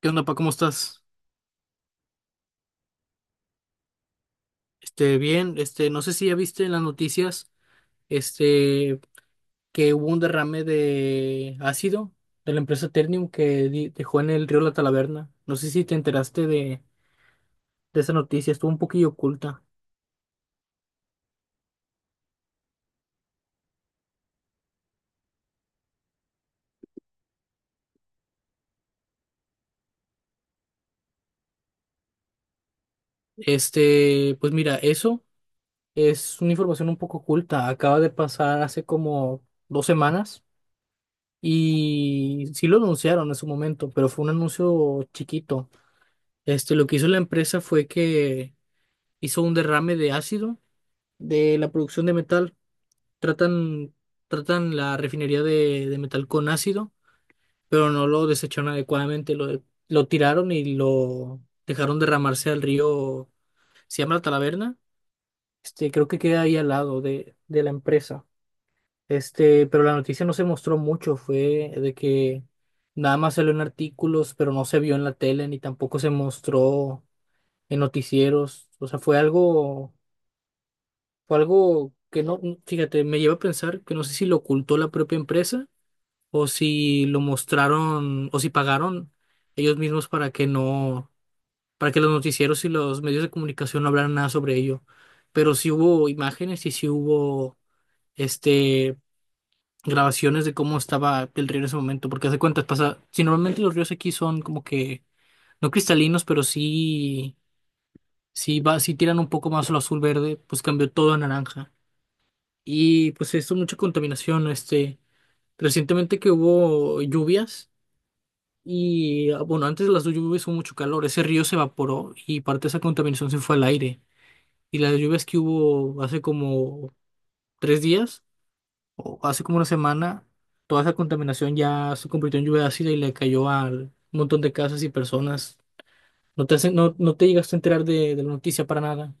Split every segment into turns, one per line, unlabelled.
¿Qué onda, pa? ¿Cómo estás? Bien, no sé si ya viste en las noticias, este, que hubo un derrame de ácido de la empresa Ternium que dejó en el río La Talaverna. No sé si te enteraste de esa noticia, estuvo un poquillo oculta. Pues mira, eso es una información un poco oculta. Acaba de pasar hace como dos semanas y sí lo anunciaron en su momento, pero fue un anuncio chiquito. Lo que hizo la empresa fue que hizo un derrame de ácido de la producción de metal. Tratan, tratan la refinería de metal con ácido, pero no lo desecharon adecuadamente. Lo tiraron y lo dejaron derramarse al río. Se llama La Talaverna. Creo que queda ahí al lado de la empresa. Pero la noticia no se mostró mucho. Fue de que nada más salió en artículos, pero no se vio en la tele ni tampoco se mostró en noticieros. O sea, fue algo. Fue algo que no, fíjate, me lleva a pensar que no sé si lo ocultó la propia empresa o si lo mostraron o si pagaron ellos mismos para que no, para que los noticieros y los medios de comunicación no hablaran nada sobre ello. Pero sí hubo imágenes y sí hubo este grabaciones de cómo estaba el río en ese momento, porque hace cuentas pasa, si normalmente los ríos aquí son como que no cristalinos, pero sí sí tiran un poco más a lo azul verde, pues cambió todo a naranja. Y pues se hizo mucha contaminación. Recientemente que hubo lluvias y bueno, antes de las lluvias hubo mucho calor, ese río se evaporó y parte de esa contaminación se fue al aire. Y las lluvias que hubo hace como tres días o hace como una semana, toda esa contaminación ya se convirtió en lluvia ácida y le cayó a un montón de casas y personas. No te llegaste a enterar de la noticia para nada.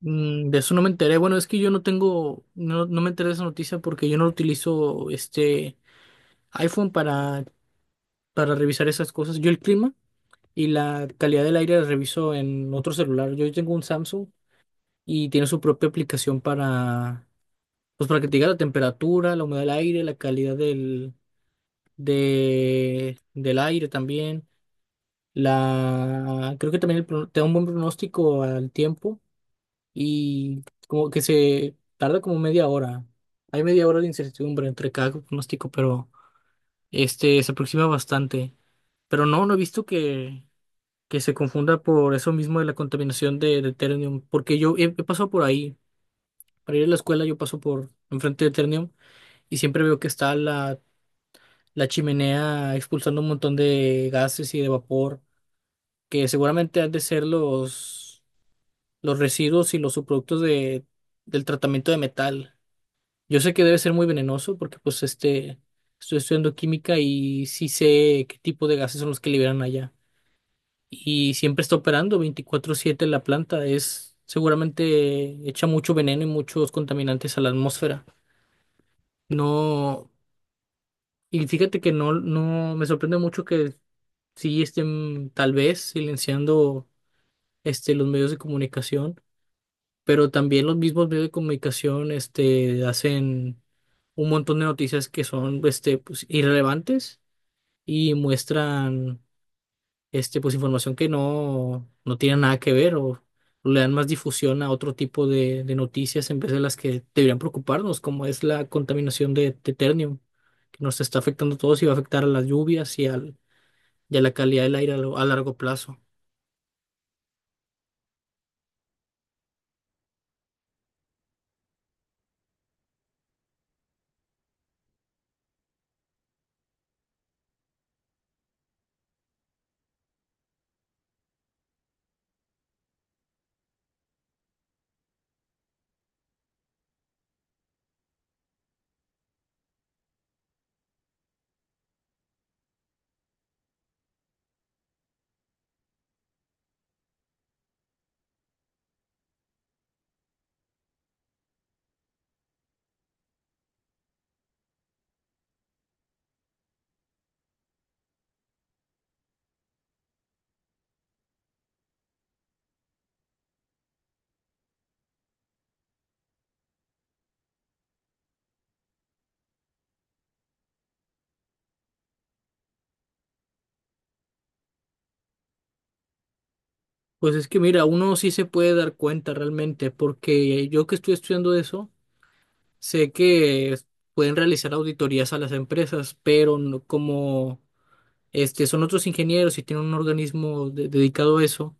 De eso no me enteré. Bueno, es que yo no tengo, no, no me enteré de esa noticia porque yo no utilizo este iPhone para revisar esas cosas. Yo el clima y la calidad del aire la reviso en otro celular. Yo tengo un Samsung y tiene su propia aplicación pues para que te diga la temperatura, la humedad del aire, la calidad del aire también. La, creo que también el te da un buen pronóstico al tiempo y como que se tarda como media hora. Hay media hora de incertidumbre entre cada pronóstico, pero se aproxima bastante. Pero no he visto que se confunda por eso mismo de la contaminación de Ternium, porque he pasado por ahí, para ir a la escuela yo paso por enfrente de Ternium y siempre veo que está la chimenea expulsando un montón de gases y de vapor, que seguramente han de ser los residuos y los subproductos del tratamiento de metal. Yo sé que debe ser muy venenoso porque pues estoy estudiando química y sí sé qué tipo de gases son los que liberan allá. Y siempre está operando 24/7 la planta. Es seguramente echa mucho veneno y muchos contaminantes a la atmósfera. No, y fíjate que no, no, me sorprende mucho que sí estén tal vez silenciando los medios de comunicación, pero también los mismos medios de comunicación hacen un montón de noticias que son pues, irrelevantes y muestran pues información que no, no tiene nada que ver o le dan más difusión a otro tipo de noticias en vez de las que deberían preocuparnos, como es la contaminación de ternium, que nos está afectando a todos y va a afectar a las lluvias y a la calidad del aire a largo plazo. Pues es que mira, uno sí se puede dar cuenta realmente, porque yo que estoy estudiando eso, sé que pueden realizar auditorías a las empresas, pero como son otros ingenieros y tienen un dedicado a eso,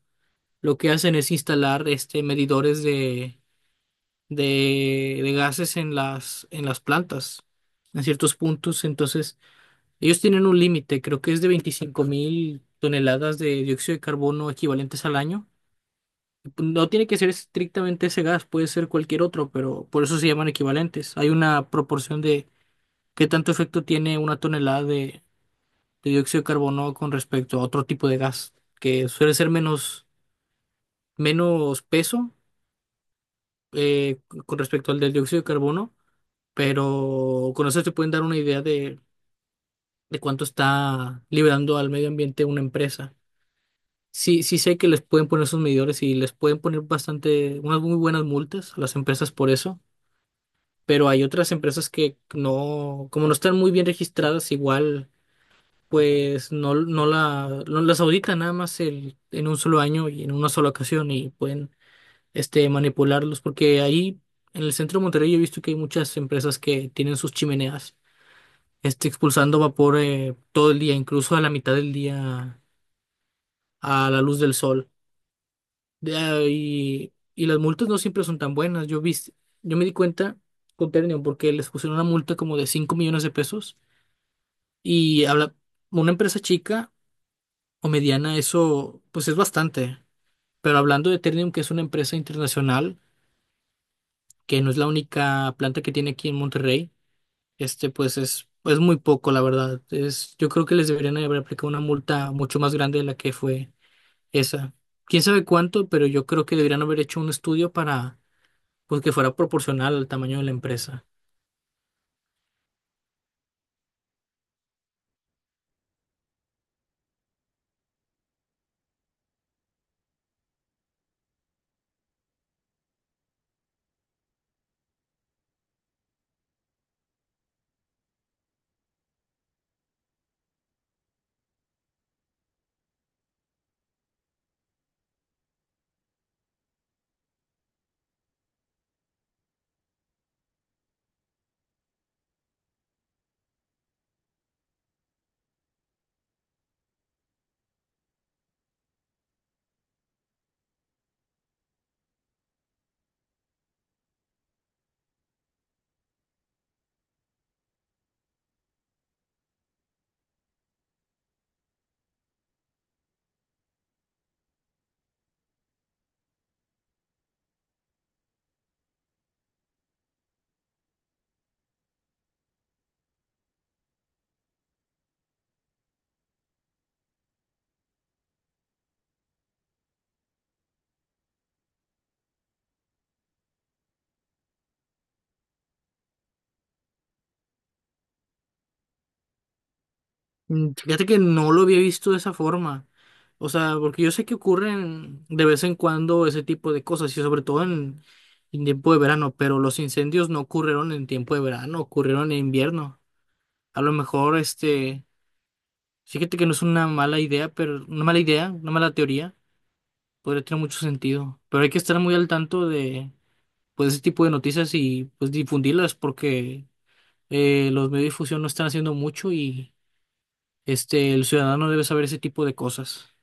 lo que hacen es instalar medidores de gases en en las plantas, en ciertos puntos. Entonces, ellos tienen un límite, creo que es de 25.000 toneladas de dióxido de carbono equivalentes al año. No tiene que ser estrictamente ese gas, puede ser cualquier otro, pero por eso se llaman equivalentes. Hay una proporción de qué tanto efecto tiene una tonelada de dióxido de carbono con respecto a otro tipo de gas, que suele ser menos, menos peso eh, con respecto al del dióxido de carbono, pero con eso te pueden dar una idea de cuánto está liberando al medio ambiente una empresa. Sí sé que les pueden poner sus medidores y les pueden poner bastante, unas muy buenas multas a las empresas por eso, pero hay otras empresas que no, como no están muy bien registradas, igual pues no las auditan nada más en un solo año y en una sola ocasión y pueden manipularlos, porque ahí en el centro de Monterrey yo he visto que hay muchas empresas que tienen sus chimeneas, expulsando vapor todo el día, incluso a la mitad del día, a la luz del sol. Y las multas no siempre son tan buenas. Yo me di cuenta con Ternium porque les pusieron una multa como de $5.000.000 y habla, una empresa chica o mediana, eso pues es bastante. Pero hablando de Ternium, que es una empresa internacional, que no es la única planta que tiene aquí en Monterrey, pues es muy poco, la verdad. Es, yo creo que les deberían haber aplicado una multa mucho más grande de la que fue esa. Quién sabe cuánto, pero yo creo que deberían haber hecho un estudio para pues que fuera proporcional al tamaño de la empresa. Fíjate que no lo había visto de esa forma. O sea, porque yo sé que ocurren de vez en cuando ese tipo de cosas y sobre todo en tiempo de verano, pero los incendios no ocurrieron en tiempo de verano, ocurrieron en invierno. A lo mejor este Sí, fíjate que no es una mala idea, pero una mala idea, una mala teoría, podría tener mucho sentido. Pero hay que estar muy al tanto de pues ese tipo de noticias y pues difundirlas porque los medios de difusión no están haciendo mucho y el ciudadano debe saber ese tipo de cosas.